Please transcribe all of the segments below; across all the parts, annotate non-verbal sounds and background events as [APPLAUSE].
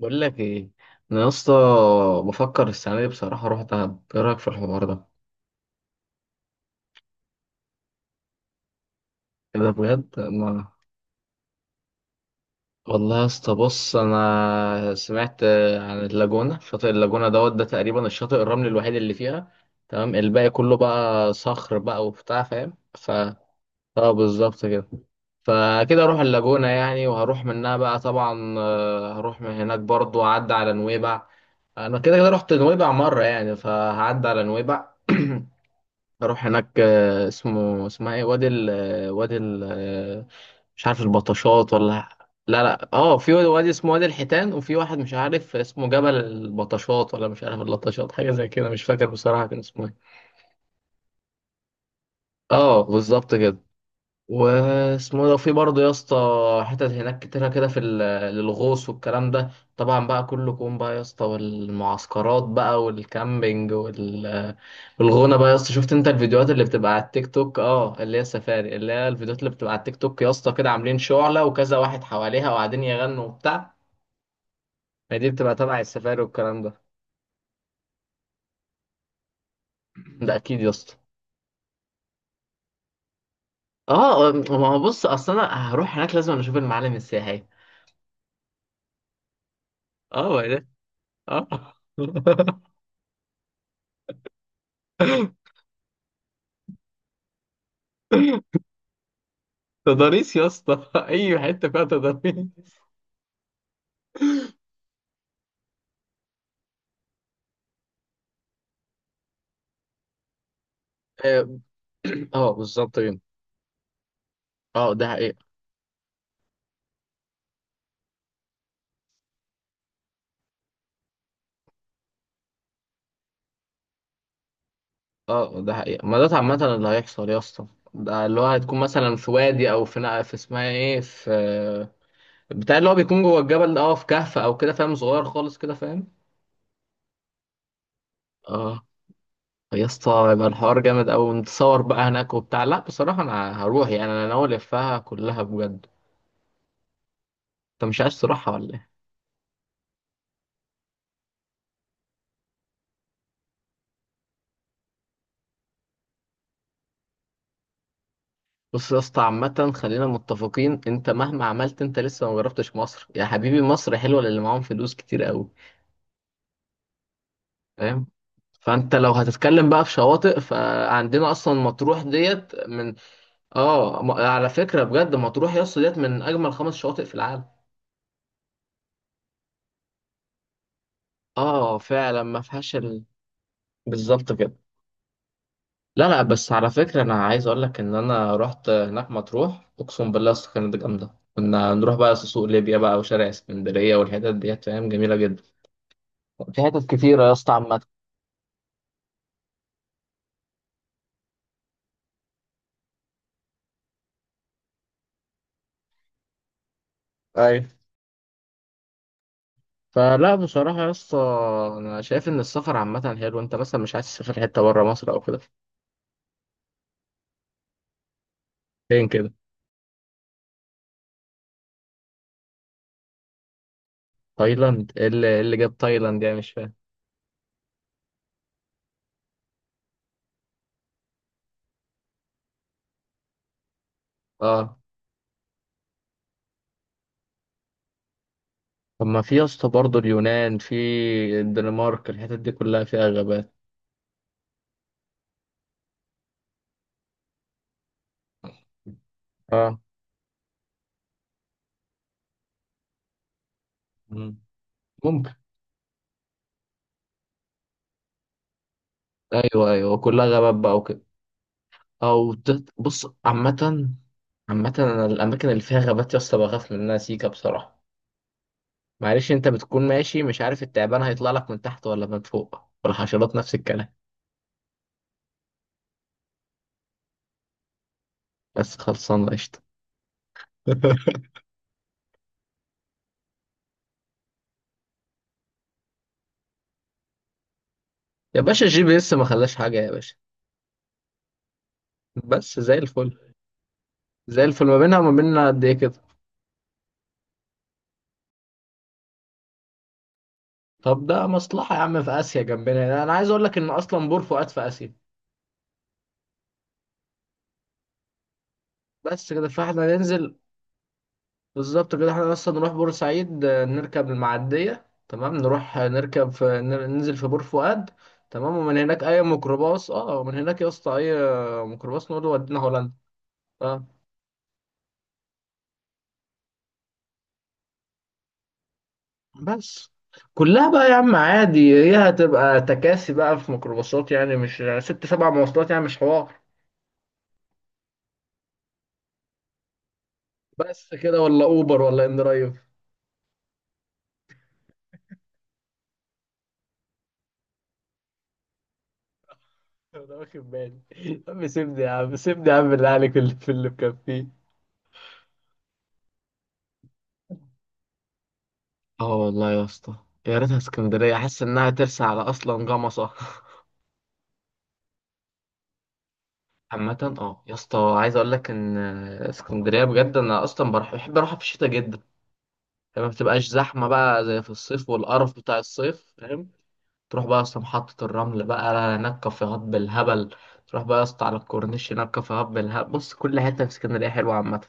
بقول لك ايه، انا يا اسطى بفكر السنه دي بصراحه اروح دهب. ايه رايك في الحوار ده؟ إيه ده بجد؟ ما والله يا اسطى بص انا سمعت عن اللاجونه، شاطئ اللاجونه دوت ده تقريبا الشاطئ الرملي الوحيد اللي فيها. تمام، الباقي كله بقى صخر بقى وبتاع، فاهم؟ ف اه بالظبط كده. فكده اروح اللاجونه يعني، وهروح منها بقى طبعا، هروح من هناك برضو اعدي على نويبع. انا كده كده رحت نويبع مره يعني، فهعدي على نويبع، اروح هناك. اسمه اسمها ايه؟ وادي ال وادي ال مش عارف البطشات ولا. لا اه، في وادي اسمه وادي الحيتان، وفي واحد مش عارف اسمه جبل البطشات ولا مش عارف اللطشات، حاجه زي كده، مش فاكر بصراحه كان اسمه ايه. اه بالظبط كده. واسمه إيه ده في برضه يا اسطى؟ حتت هناك كتيرة كده في للغوص والكلام ده. طبعا بقى كلكم بقى يا اسطى، والمعسكرات بقى والكامبينج والغونة بقى يا اسطى. شفت انت الفيديوهات اللي بتبقى على التيك توك؟ اه اللي هي السفاري، اللي هي الفيديوهات اللي بتبقى على التيك توك يا اسطى، كده عاملين شعلة وكذا واحد حواليها وقاعدين يغنوا وبتاع. ما دي بتبقى تبع السفاري والكلام ده. ده اكيد يا اسطى. اه ما هو بص، اصل انا هروح هناك لازم أنا اشوف المعالم السياحية. اه ما ده اه. [LAUGHS] تضاريس يا اسطى [LAUGHS] اي حته فيها تضاريس. اه [CLEARS THROAT] بالظبط كده. اه ده حقيقة. اه ده حقيقة، ما ده عامة اللي هيحصل يا اسطى. ده اللي هو هتكون مثلا في وادي او في في اسمها ايه، في بتاع اللي هو بيكون جوه الجبل ده، اه في كهف او كده فاهم، صغير خالص كده فاهم. اه يا اسطى، يبقى الحوار جامد اوي، نتصور بقى هناك وبتاع. لا بصراحة انا هروح يعني، انا ناوي الفها كلها بجد. انت مش عايز تروحها ولا إيه؟ بص يا اسطى عامة، خلينا متفقين، انت مهما عملت انت لسه ما جربتش مصر يا حبيبي. مصر حلوة للي معاهم فلوس كتير قوي، فاهم؟ فانت لو هتتكلم بقى في شواطئ، فعندنا اصلا مطروح ديت من اه على فكرة بجد، مطروح يا اسطى ديت من اجمل خمس شواطئ في العالم. اه فعلا ما فيهاش ال... بالظبط كده. لا بس على فكرة انا عايز اقول لك ان انا رحت هناك مطروح، اقسم بالله يا اسطى كانت جامدة. كنا نروح بقى سوق ليبيا بقى وشارع اسكندرية والحتت ديت، فاهم، جميلة جدا. في حتت كتيرة يا اسطى عامة. ايوه. فلا بصراحة يا اسطى، أنا شايف إن السفر عامة حلو. أنت مثلا مش عايز تسافر حتة بره مصر أو كده؟ فين كده؟ تايلاند؟ إيه اللي، إيه اللي جاب تايلاند يعني مش فاهم. أه، طب ما في يا اسطى برضه اليونان، في الدنمارك، الحتت دي كلها فيها غابات. أه. مم. ممكن. أيوه أيوه كلها غابات بقى وكده. أو بص عامة، عامة أنا الأماكن اللي فيها غابات يا اسطى بخاف منها سيكا بصراحة. معلش انت بتكون ماشي مش عارف التعبان هيطلع لك من تحت ولا من فوق، والحشرات نفس الكلام. بس خلصانه قشطه. [LAUGHS] يا باشا الجي بي اس ما خلاش حاجه يا باشا. بس زي الفل. زي الفل، ما بينها وما بيننا قد ايه كده؟ طب ده مصلحه يا عم، في اسيا جنبنا. انا عايز اقول لك ان اصلا بور فؤاد في اسيا. بس كده فاحنا ننزل. بالظبط كده، احنا اصلا نروح بورسعيد، نركب المعديه، تمام، نروح، نركب في ننزل في بور فؤاد. تمام، ومن هناك اي ميكروباص، اه ومن هناك يا اسطى اي ميكروباص نقول له ودينا هولندا. اه. بس كلها بقى يا عم عادي، هي هتبقى تكاسي بقى في ميكروباصات يعني، مش يعني ست سبع مواصلات، يعني مش حوار. بس كده ولا اوبر ولا ان درايف. انا واخد بالي يا عم، سيبني يا عم، سيبني يا عم، بالله عليك اللي في [LAUGHS] اللي مكفيه. اه والله يا اسطى. يا ريتها اسكندريه، احس انها ترسى على اصلا جمصه [LAUGHS] عامة اه يا اسطى، عايز اقول لك ان اسكندريه بجد انا اصلا بروح، بحب اروحها في الشتاء جدا، لما ما بتبقاش زحمه بقى زي في الصيف والقرف بتاع الصيف، فاهم؟ تروح بقى يا اسطى محطة الرمل بقى، هناك كافيهات بالهبل. تروح بقى يا اسطى على الكورنيش، هناك كافيهات بالهبل. بص كل حتة في اسكندرية حلوة عامة.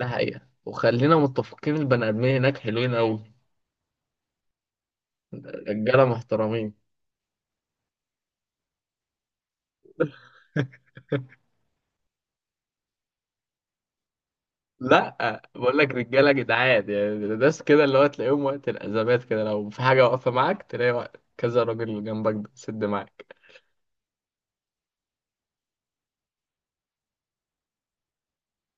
ده حقيقة، وخلينا متفقين، البني آدمين هناك حلوين أوي. رجالة محترمين. لا بقول لك رجالة جدعان، يعني ناس كده اللي هو تلاقيهم وقت الأزمات كده، لو في حاجة واقفة معاك تلاقي وقت كذا راجل جنبك بتسد معاك.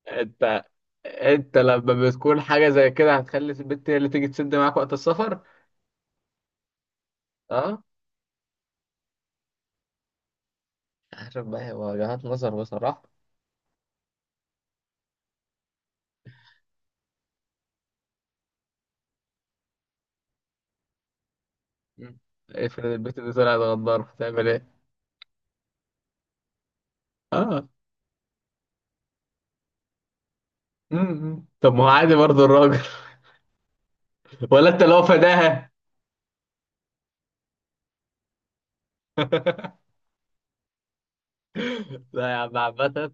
انت انت لما بتكون حاجة زي كده، هتخلي البنت هي اللي تيجي تسد معاك وقت السفر؟ اه. عارف بقى، هي وجهات نظر بصراحة. مم. افرض البت دي طلعت غدار، بتعمل ايه؟ اه. امم، طب ما هو عادي برضه الراجل [LAUGHS] ولا انت لو فداها؟ لا يا عم عامة.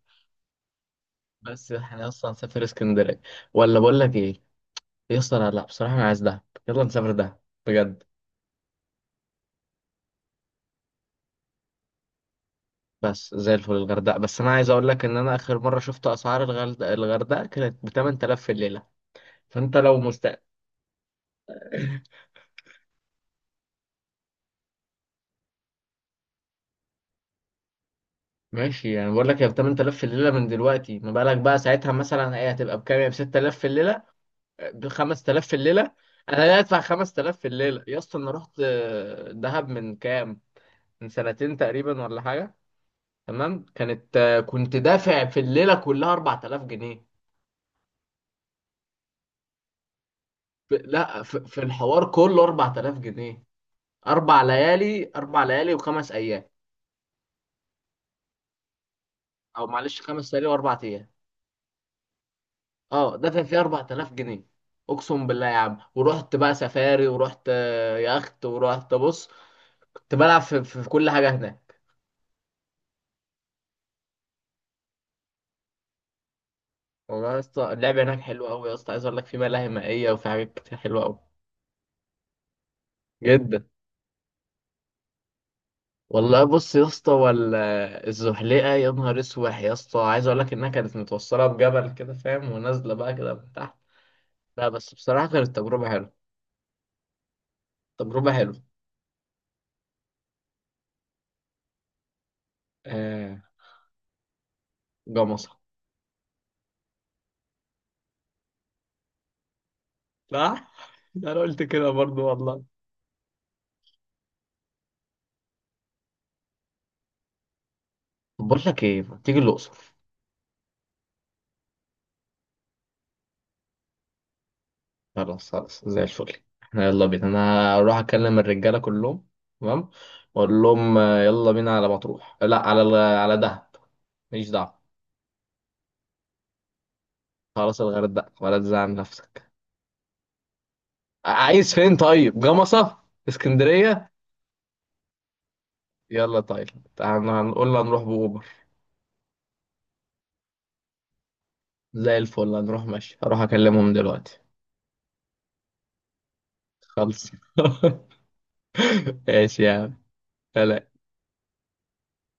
بس احنا اصلا هنسافر اسكندرية، ولا بقول لك ايه؟ يا اسطى لا بصراحة انا عايز دهب، يلا نسافر دهب، بجد. بس زي الفل الغردقة، بس انا عايز اقول لك ان انا اخر مرة شفت اسعار الغردقة كانت ب 8000 في الليلة. فانت لو مست ماشي، يعني بقول لك هي ب 8000 في الليله من دلوقتي، ما بالك بقى ساعتها؟ مثلا هي هتبقى بكام؟ يعني ب 6000 في الليله، ب 5000 في الليله؟ انا لا ادفع 5000 في الليله يا اسطى. انا رحت دهب من كام، من سنتين تقريبا ولا حاجه، تمام، كانت كنت دافع في الليله كلها 4000 جنيه. ف- لا ف- في الحوار كله 4000 جنيه. اربع ليالي، اربع ليالي وخمس ايام، او معلش خمس ليالي واربع ايام، اه دافع فيه 4000 جنيه، اقسم بالله يا عم. ورحت بقى سفاري، ورحت يخت، ورحت بص، كنت بلعب في كل حاجه هناك. والله يا اسطى اللعبه هناك حلوه قوي يا اسطى. عايز اقول لك في ملاهي مائيه وفي حاجات كتير حلوه قوي جدا. والله بص يا اسطى، ولا الزحليقه يا نهار اسوح يا اسطى، عايز اقول لك انها كانت متوصله بجبل كده فاهم، ونازله بقى كده من تحت. لا بس بصراحه كانت تجربه حلوه، تجربه حلوه. آه، جمصه. صح [LAUGHS] انا قلت كده برضو والله. بقول لك ايه، ما تيجي الاقصر؟ خلاص خلاص زي الفل، احنا يلا بينا، انا اروح اكلم الرجاله كلهم، تمام، واقول لهم يلا بينا على مطروح، لا على على دهب. ماليش دعوه. خلاص الغردقه، ولا تزعل نفسك. عايز فين؟ طيب جمصه. اسكندريه. يلا تايلاند. هنقول له هنروح باوبر. زي الفل، هنروح ماشي، هروح اكلمهم دلوقتي. خلص. [LAUGHS] ماشي يا عم. سلام.